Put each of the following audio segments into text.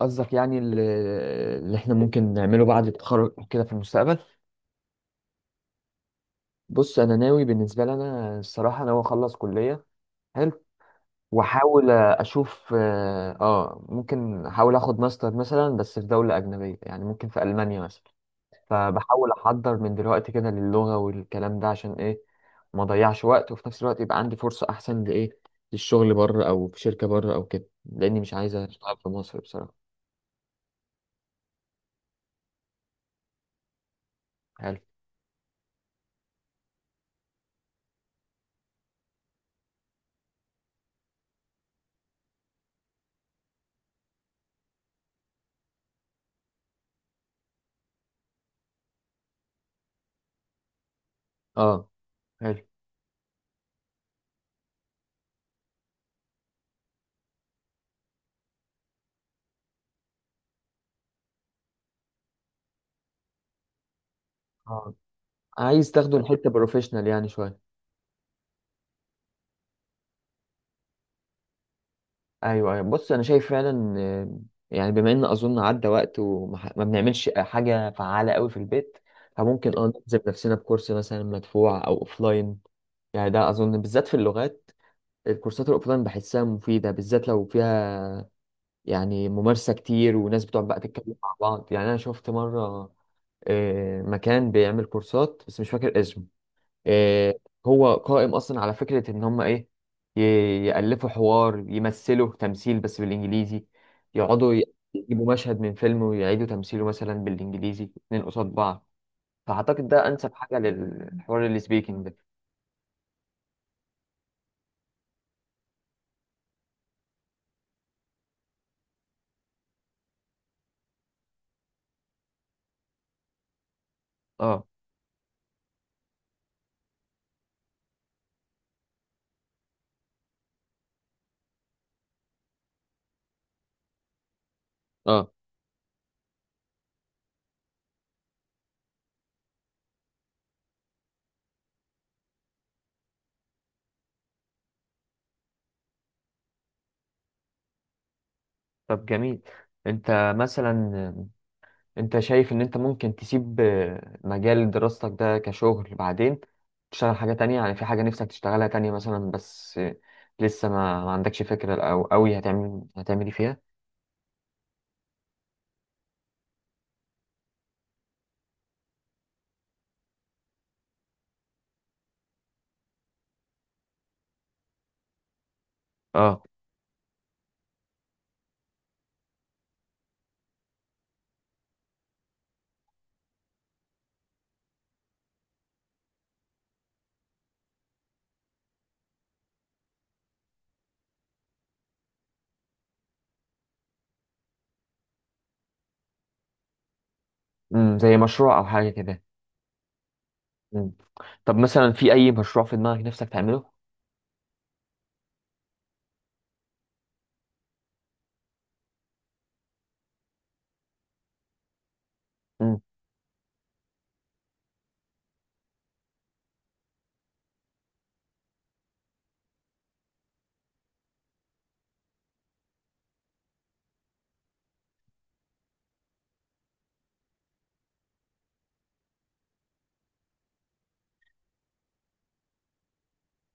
قصدك يعني اللي احنا ممكن نعمله بعد التخرج كده في المستقبل؟ بص، انا ناوي. بالنسبه لي، انا الصراحه ناوي اخلص كليه. حلو. واحاول اشوف، ممكن احاول اخد ماستر مثلا بس في دوله اجنبيه، يعني ممكن في المانيا مثلا. فبحاول احضر من دلوقتي كده للغه والكلام ده عشان ايه؟ ما اضيعش وقت، وفي نفس الوقت يبقى عندي فرصه احسن لايه؟ للشغل بره، او في شركه بره او كده، لاني مش عايز اشتغل في مصر بصراحه. حلو. اه. حلو. آه. عايز تاخده لحته بروفيشنال يعني، شويه؟ ايوه، ايوه. بص، انا شايف فعلا، يعني بما ان اظن عدى وقت وما ما بنعملش حاجه فعاله قوي في البيت. فممكن نلزم نفسنا بكورس مثلا مدفوع او اوفلاين. يعني ده اظن بالذات في اللغات، الكورسات الاوفلاين بحسها مفيده، بالذات لو فيها يعني ممارسه كتير وناس بتقعد بقى تتكلم مع بعض. يعني انا شفت مره مكان بيعمل كورسات بس مش فاكر اسمه. آه، هو قائم اصلا على فكره ان هم ايه؟ يالفوا حوار، يمثلوا تمثيل بس بالانجليزي. يقعدوا يجيبوا مشهد من فيلم ويعيدوا تمثيله مثلا بالانجليزي، اتنين قصاد بعض. فاعتقد ده انسب حاجه للحوار، السبيكنج ده. اه، اه. طب جميل. انت مثلا، انت شايف ان انت ممكن تسيب مجال دراستك ده كشغل بعدين، تشتغل حاجة تانية؟ يعني في حاجة نفسك تشتغلها تانية مثلا، بس لسه ما عندكش فكرة، او قوي هتعمل ايه فيها؟ اه زي مشروع او حاجة كده. امم طب مثلا، في اي مشروع في دماغك نفسك تعمله؟ امم،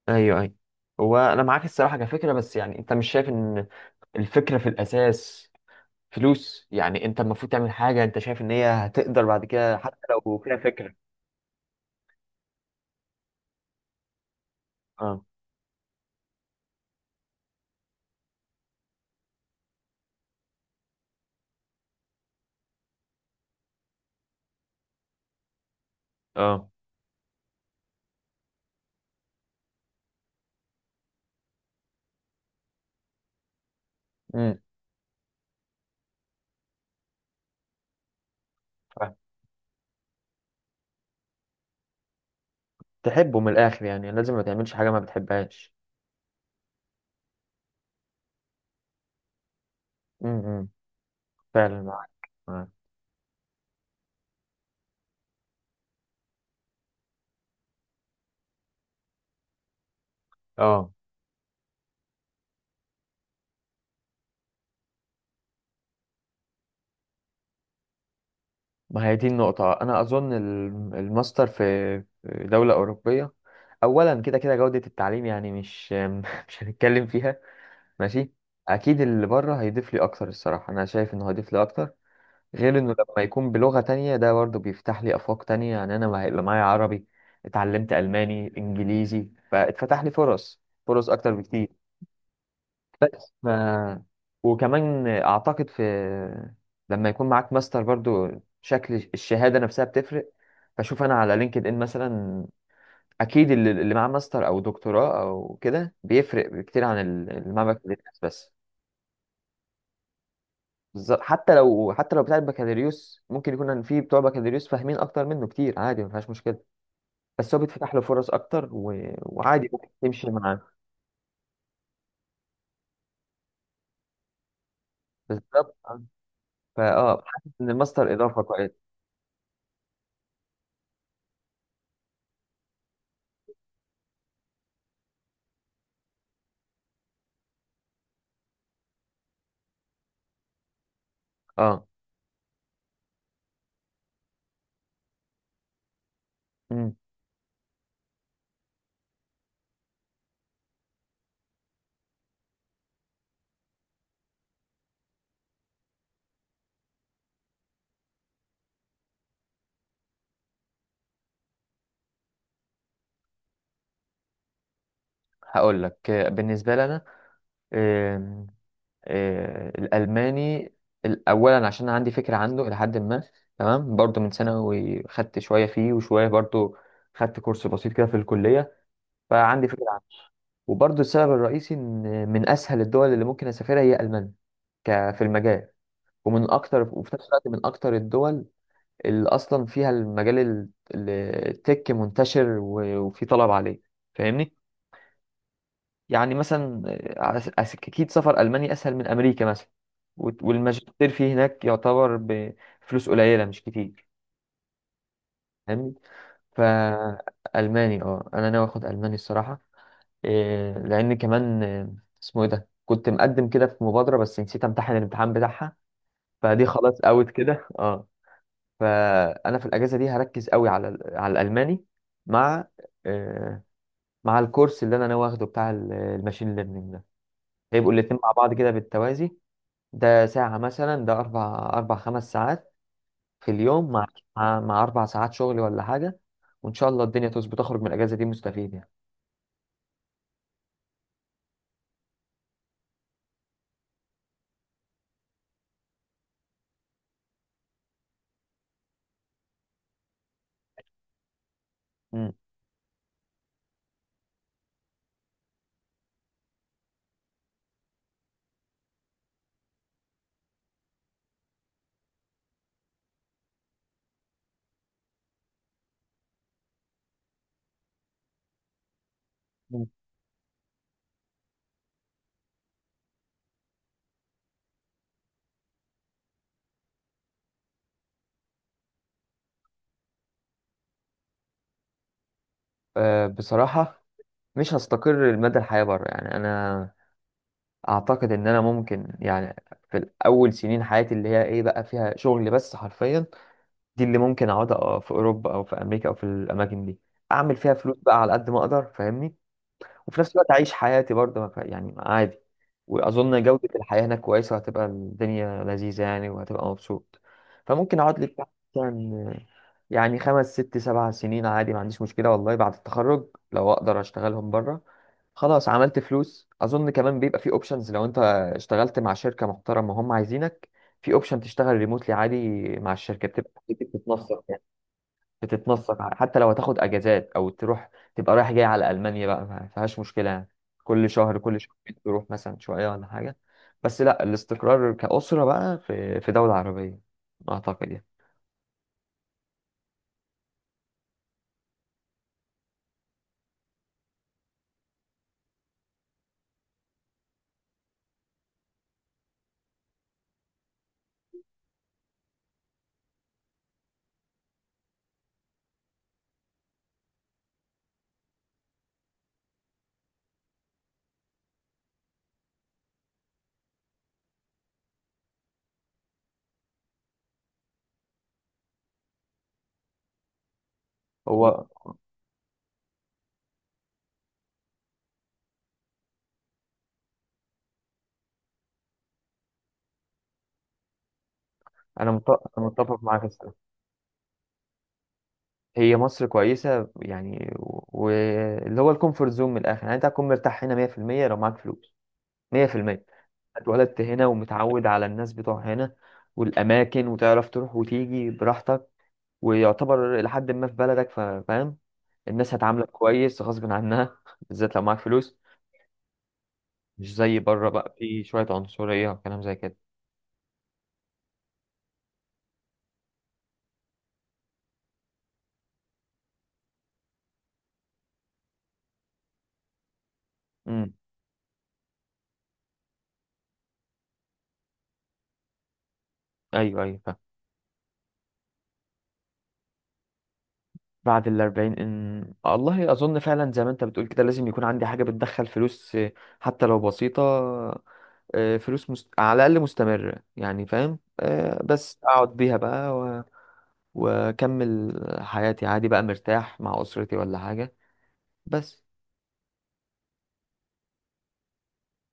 ايوه، ايوه. هو انا معاك الصراحة كفكرة، بس يعني انت مش شايف ان الفكرة في الاساس فلوس؟ يعني انت المفروض تعمل حاجة انت شايف ان هي هتقدر بعد كده، حتى لو فيها فكرة. اه، اه. امم تحبه من الاخر، يعني لازم ما تعملش حاجه ما بتحبهاش. امم فعلا معاك، معاك. اه، ما هي دي النقطه. انا اظن الماستر في دوله اوروبيه، اولا كده كده جوده التعليم يعني مش مش هنتكلم فيها. ماشي. اكيد اللي بره هيضيف لي اكتر، الصراحه انا شايف انه هيضيف لي اكتر. غير انه لما يكون بلغه تانية ده برضه بيفتح لي افاق تانية، يعني انا ما هيبقى معايا عربي. اتعلمت الماني، انجليزي، فاتفتح لي فرص اكتر بكتير. بس وكمان اعتقد، في لما يكون معاك ماستر برضو، شكل الشهاده نفسها بتفرق. بشوف انا على لينكد ان مثلا، اكيد اللي معاه ماستر او دكتوراه او كده بيفرق كتير عن اللي معاه بكالوريوس بس. بالظبط. حتى لو بتاع البكالوريوس ممكن يكون ان في بتوع بكالوريوس فاهمين اكتر منه كتير، عادي ما فيهاش مشكله. بس هو بيتفتح له فرص اكتر وعادي ممكن تمشي معاه. بالظبط. فاه حاسس ان الماستر اضافه كويسه. اه. هقول لك، بالنسبه لنا، آم، آه، الالماني، اولا عشان عندي فكره عنه الى حد ما، تمام. برضو من ثانوي خدت شويه فيه، وشويه برضو خدت كورس بسيط كده في الكليه، فعندي فكره عنه. وبرضو السبب الرئيسي ان من اسهل الدول اللي ممكن اسافرها هي المانيا، في المجال. ومن اكتر، وفي نفس الوقت من اكتر الدول اللي اصلا فيها المجال ال- التك منتشر، وفي طلب عليه، فاهمني. يعني مثلا اكيد سفر المانيا اسهل من امريكا مثلا، والماجستير فيه هناك يعتبر بفلوس قليله، مش كتير، فاهمني. فالماني، انا ناوي اخد الماني الصراحه، لان كمان، اسمه ايه ده، كنت مقدم كده في مبادره بس نسيت امتحن الامتحان بتاعها، فدي خلاص اوت كده. اه فانا في الاجازه دي هركز قوي على الالماني، مع، إيه، مع الكورس اللي انا ناوي اخده بتاع الماشين ليرنينج ده. هيبقوا الاتنين مع بعض كده بالتوازي، ده ساعة مثلا، ده أربع خمس ساعات في اليوم، مع أربع ساعات شغل ولا حاجة. وإن شاء الله الدنيا تظبط، أخرج من الأجازة دي مستفيد يعني. مم. مم. أه، بصراحة مش هستقر لمدى الحياة بره، يعني أنا أعتقد إن أنا ممكن، يعني في الأول سنين حياتي اللي هي بقى فيها شغل بس حرفيا، دي اللي ممكن أقعد في أوروبا أو في أمريكا أو في الأماكن دي، أعمل فيها فلوس بقى على قد ما أقدر، فاهمني. وفي نفس الوقت أعيش حياتي برضه، ما ف- يعني عادي. وأظن جودة الحياة هناك كويسة، وهتبقى الدنيا لذيذة يعني، وهتبقى مبسوط. فممكن أقعد لي بتاع مثلا يعني خمس، ست، سبع سنين، عادي ما عنديش مشكلة والله، بعد التخرج لو أقدر أشتغلهم بره، خلاص عملت فلوس. اظن كمان بيبقى في اوبشنز، لو انت اشتغلت مع شركه محترمه هم عايزينك، في اوبشن تشتغل ريموتلي عادي، مع الشركه بتبقى بتتنسق. بتتنسق، حتى لو هتاخد اجازات او تروح، تبقى رايح جاي على المانيا بقى، ما فيهاش مشكله يعني. كل شهر، كل شهرين تروح مثلا شويه ولا حاجه. بس لا، الاستقرار كاسره بقى في دوله عربيه اعتقد يعني. هو انا مت- أنا متفق معاك الصراحه. هي مصر كويسه يعني، واللي هو الكومفورت زون من الاخر، يعني انت هتكون مرتاح هنا 100%، لو معاك فلوس 100%. اتولدت هنا ومتعود على الناس بتوع هنا، والاماكن، وتعرف تروح وتيجي براحتك، ويعتبر لحد ما في بلدك، فاهم. الناس هتعاملك كويس غصب عنها بالذات لو معاك فلوس، مش زي بره بقى، في شوية عنصرية وكلام زي كده. امم. ايوه، ايوه. فاهم. بعد الأربعين، إن... آه، والله أظن فعلا زي ما أنت بتقول كده، لازم يكون عندي حاجة بتدخل فلوس، حتى لو بسيطة، فلوس على الأقل مستمرة يعني، فاهم، بس أقعد بيها بقى وأكمل حياتي عادي بقى، مرتاح مع أسرتي ولا حاجة، بس.